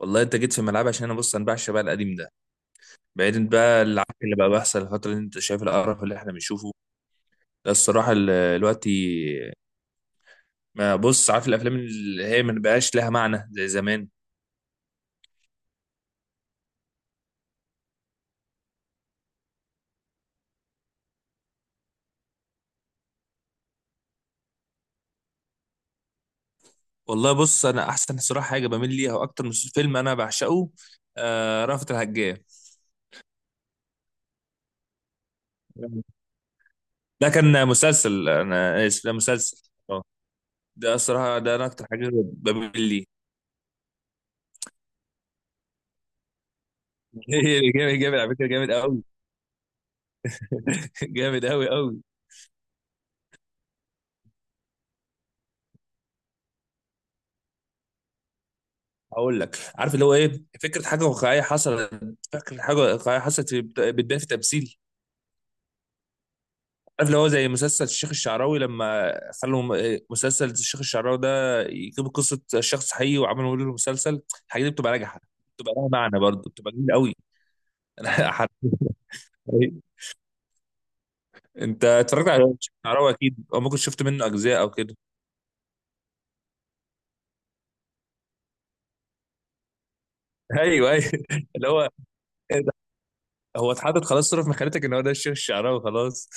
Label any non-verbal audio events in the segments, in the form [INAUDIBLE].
والله انت جيت في ملعب عشان انا بص انا بعشق بقى القديم ده. بعيدا بقى عن اللي بقى بيحصل الفتره اللي انت شايف القرف اللي احنا بنشوفه ده الصراحه دلوقتي. ما بص عارف الافلام اللي هي ما بقاش لها معنى زي زمان. والله بص انا احسن الصراحه حاجه بميل ليها واكتر من فيلم انا بعشقه، آه رأفت الهجان. ده كان مسلسل، انا اسف، ده مسلسل، اه. ده الصراحه ده انا اكتر حاجه بميل ليه. [LAUGHS] جامد جامد، على فكره جامد قوي. [LAUGHS] جامد قوي قوي. هقول لك، عارف اللي هو ايه، فكره حاجه واقعيه حصلت، فكره حاجه واقعيه حصلت بتبان في تمثيل. عارف اللي هو زي مسلسل الشيخ الشعراوي، لما خلوا مسلسل الشيخ الشعراوي ده يجيبوا قصه شخص حقيقي وعملوا له مسلسل، الحاجات دي بتبقى ناجحه، بتبقى لها معنى، برضه بتبقى جميله قوي. [LAUGHS] انا حرفياً. انت اتفرجت على الشيخ الشعراوي اكيد، او ممكن شفت منه اجزاء او كده. ايوه، ايوه، [LAUGHS] اللي هو إيه ده؟ هو اتحطت خلاص صوره في مخيلتك ان هو ده الشيخ الشعراوي، خلاص.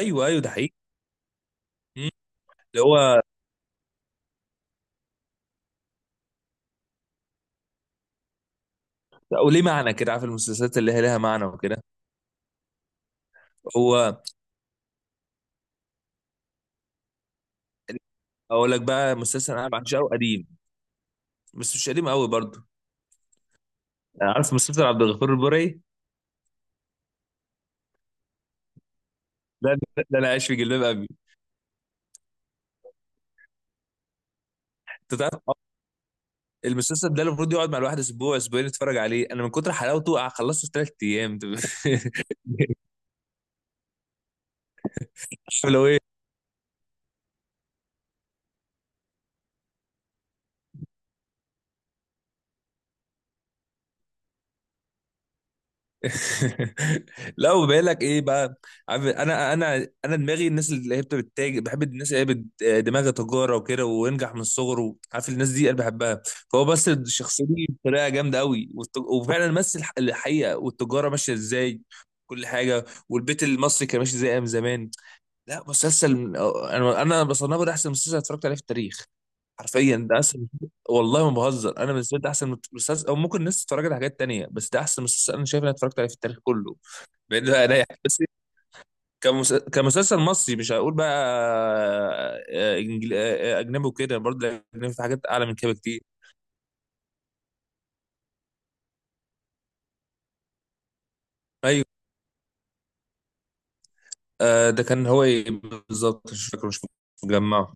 ايوه، ايوه، ده حقيقي. مم. اللي هو، وليه معنى كده، عارف المسلسلات اللي هي لها معنى وكده. هو اقول لك بقى مسلسل انا بعشقه قديم، بس مش قديم قوي برضه. يعني عارف مسلسل عبد الغفور البرعي، ده ده انا عايش في جلباب ابي. انت تعرف، المسلسل ده المفروض يقعد مع الواحد اسبوع اسبوعين يتفرج عليه، انا من كتر حلاوته خلصته في 3 ايام. [LAUGHS] عارف لو ايه. [LAUGHS] لا، وبقول لك ايه بقى، عارف انا انا دماغي الناس اللي هي بتتاجر بحب، الناس اللي هي دماغها تجاره وكده وينجح من الصغر، عارف الناس دي انا بحبها. فهو بس الشخصيه دي بطريقه جامده قوي، وفعلا مثل الحقيقه والتجاره ماشيه ازاي. كل حاجه والبيت المصري كان ماشي زي ايام زمان. لا، مسلسل انا بصنفه ده احسن مسلسل اتفرجت عليه في التاريخ. حرفيا ده احسن. والله ما بهزر، انا بالنسبه لي ده احسن مسلسل، او ممكن الناس اتفرجت على حاجات تانية، بس ده احسن مسلسل انا شايف إن انا اتفرجت عليه في التاريخ كله. بعيد بقى عن اي حاجة. بس كمسلسل مصري مش هقول بقى. آه، إنجل... آه، آه، اجنبي وكده، برضه الاجنبي في حاجات اعلى من كده كتير. ايوه. آه، ده كان هو ايه، بالظبط مش فاكر، مش مجمعه.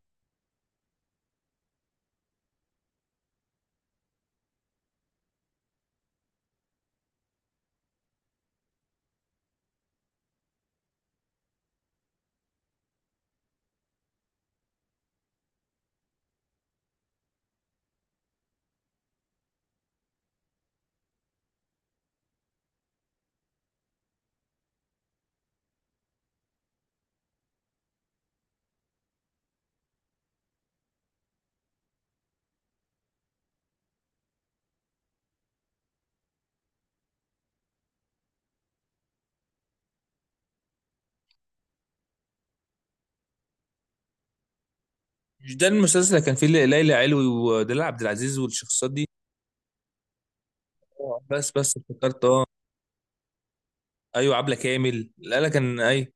مش ده المسلسل اللي كان فيه ليلى علوي ودلال عبد العزيز والشخصيات دي؟ آه، بس بس افتكرت، اه. ايوه عبله كامل، لا لا كان، ايوه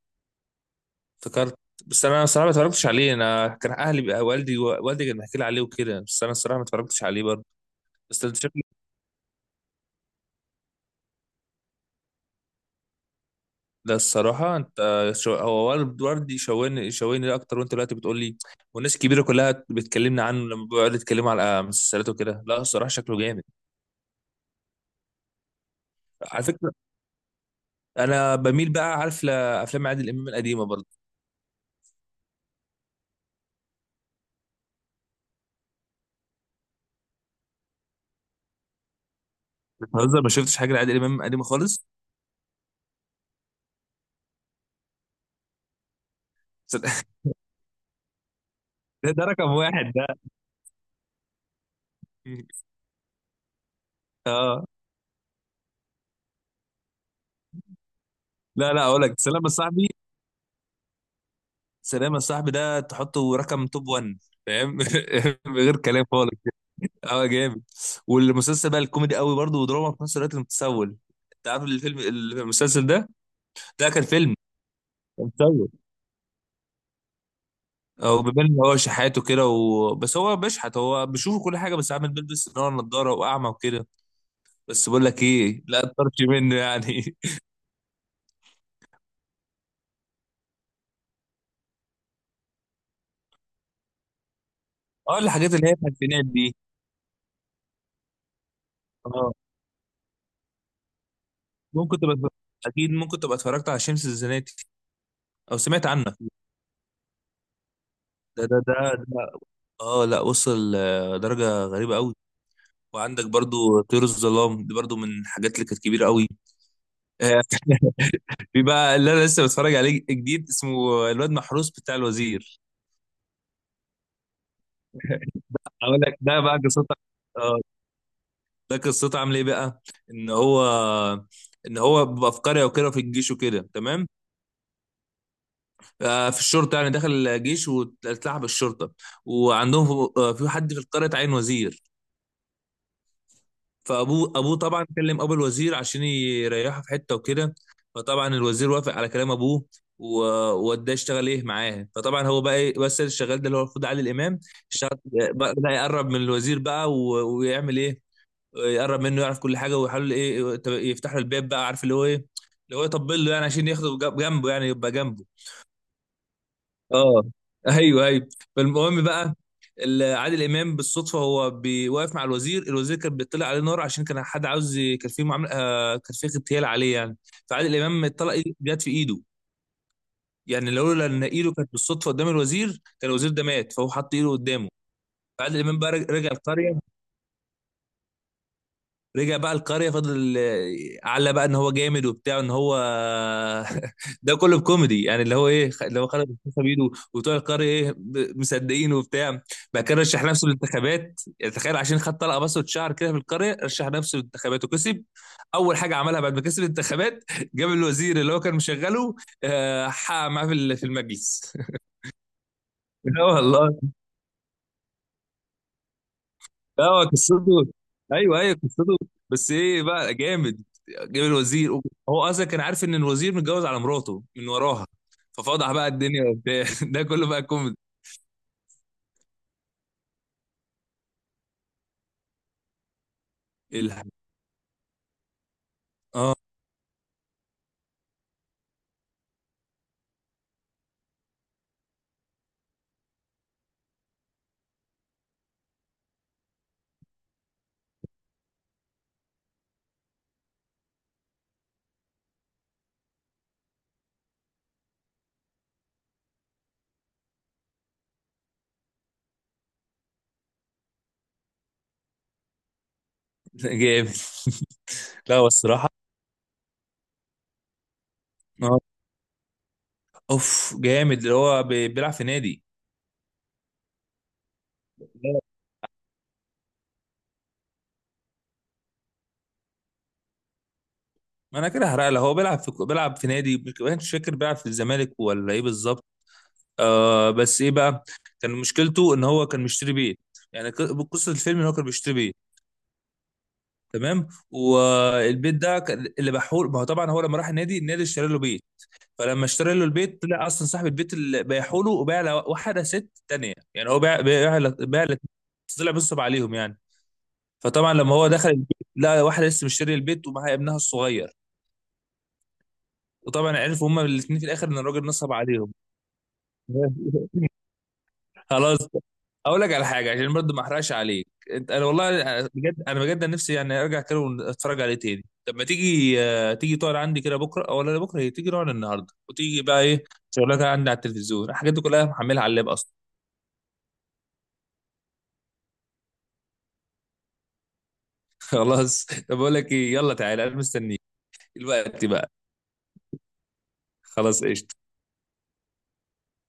افتكرت. بس انا الصراحه ما اتفرجتش عليه، انا كان اهلي بقى، والدي والدي كان بيحكي لي عليه وكده، بس انا الصراحه ما اتفرجتش عليه برضه. بس انت شكلك، ده الصراحه انت، هو والد والدي شويني شويني اكتر، وانت دلوقتي بتقول لي، والناس الكبيره كلها بتكلمنا عنه لما بيقعدوا يتكلموا على مسلسلات وكده، لا الصراحه شكله جامد. على فكره، انا بميل بقى عارف لافلام عادل امام القديمه برضه. بتهزر ما شفتش حاجه لعادل امام القديمه خالص؟ [LAUGHS] ده رقم واحد ده. [LAUGHS] اه، لا لا اقول لك، سلام يا صاحبي. سلام يا صاحبي ده تحطه رقم توب 1، فاهم. [LAUGHS] غير كلام خالص. اه جامد. والمسلسل بقى الكوميدي قوي برضه ودراما في نفس الوقت، المتسول. انت عارف الفيلم المسلسل ده؟ ده كان فيلم، كان مسلسل. او بيبان ان هو شحاته كده و... بس هو بيشحت، هو بيشوف كل حاجه بس عامل بيلبس ان هو نضاره واعمى وكده. بس بقول لك ايه، لا طرش منه يعني. [LAUGHS] اه الحاجات اللي هي الخمسينات دي. اه ممكن تبقى، اكيد ممكن تبقى اتفرجت على شمس الزناتي، او سمعت عنه. ده ده ده، اه لا وصل درجة غريبة قوي. وعندك برضو طيور الظلام دي برضو من الحاجات اللي كانت كبيرة قوي. آه. [LAUGHS] في بقى اللي انا لسه بتفرج عليه جديد اسمه الواد محروس بتاع الوزير. اقول لك ده بقى قصته. اه. ده قصته عامل ايه بقى؟ ان هو ان هو بيبقى في قريه وكده في الجيش وكده، تمام. في الشرطه يعني، دخل الجيش واتلعب الشرطه، وعندهم في في حد في القريه اتعين وزير. ابوه طبعا كلم ابو الوزير عشان يريحه في حته وكده. فطبعا الوزير وافق على كلام ابوه، و- ووداه يشتغل ايه معاه، فطبعا هو بقى ايه بس الشغال ده اللي هو المفروض علي الامام. اشتغل بقى يقرب من الوزير بقى ويعمل ايه، يقرب منه يعرف كل حاجه، ويحاول ايه، يفتح له الباب بقى عارف اللي هو ايه، اللي هو يطبل له يعني عشان ياخده جنبه يعني يبقى جنبه. اه، ايوه ايوه. فالمهم بقى عادل امام بالصدفه هو بيوقف مع الوزير، الوزير كان بيطلع عليه نار عشان كان حد عاوز كان في معامله، كان في اغتيال عليه يعني. فعادل امام اتطلق جت في ايده، يعني لولا ان ايده كانت بالصدفه قدام الوزير كان الوزير ده مات، فهو حط ايده قدامه. فعادل امام بقى رجع القريه. رجع بقى القرية، فضل على بقى ان هو جامد وبتاع ان هو، [LAUGHS] ده كله بكوميدي يعني، اللي هو ايه، اللي هو خرج القصة بيده وبتوع القرية ايه مصدقين وبتاع. بقى كان رشح نفسه للانتخابات يعني، تخيل عشان خد طلقة بصة شعر كده في القرية رشح نفسه للانتخابات وكسب. اول حاجة عملها بعد ما كسب الانتخابات [LAUGHS] جاب الوزير اللي هو كان مشغله، حقق معاه في في المجلس. [LAUGHS] لا والله. لا هو قصته، ايوه ايوه قصته، بس ايه بقى جامد. جاب الوزير، هو اصلا كان عارف ان الوزير متجوز على مراته من وراها، ففضح بقى الدنيا وبتاع، [LAUGHS] ده كله بقى كوميدي. الح- اه جامد. [LAUGHS] لا هو الصراحه، اه اوف جامد، اللي هو بيلعب في نادي. لا، ما انا كده هحرق له، هو بيلعب في نادي، مش فاكر بيلعب في الزمالك ولا ايه بالظبط. آه، بس ايه بقى، كان مشكلته ان هو كان مشتري بيت. يعني قصه الفيلم ان هو كان بيشتري بيت. تمام، والبيت ده اللي بحول ما هو طبعا، هو لما راح النادي النادي اشترى له بيت. فلما اشترى له البيت طلع اصلا صاحب البيت اللي بيحوله وباع لواحده ست تانية، يعني هو باع باع باع، طلع بينصب عليهم يعني. فطبعا لما هو دخل البيت لقى واحده لسه مشتري البيت ومعاها ابنها الصغير، وطبعا عرفوا هما الاثنين في الاخر ان الراجل نصب عليهم. [LAUGHS] خلاص. اقول لك على حاجه عشان برضه ما احرقش عليك انت، انا والله بجد، انا بجد نفسي يعني ارجع كده واتفرج عليه تاني. طب ما تيجي تقعد عندي كده بكره، او لا بكره هي، تيجي نقعد النهارده، وتيجي بقى ايه، شغلك عندي على التلفزيون، الحاجات دي كلها محملها على اللاب اصلا. [LAUGHS] خلاص، طب بقول لك ايه، يلا تعالى، انا مستنيك. دلوقتي بقى. خلاص، قشطه.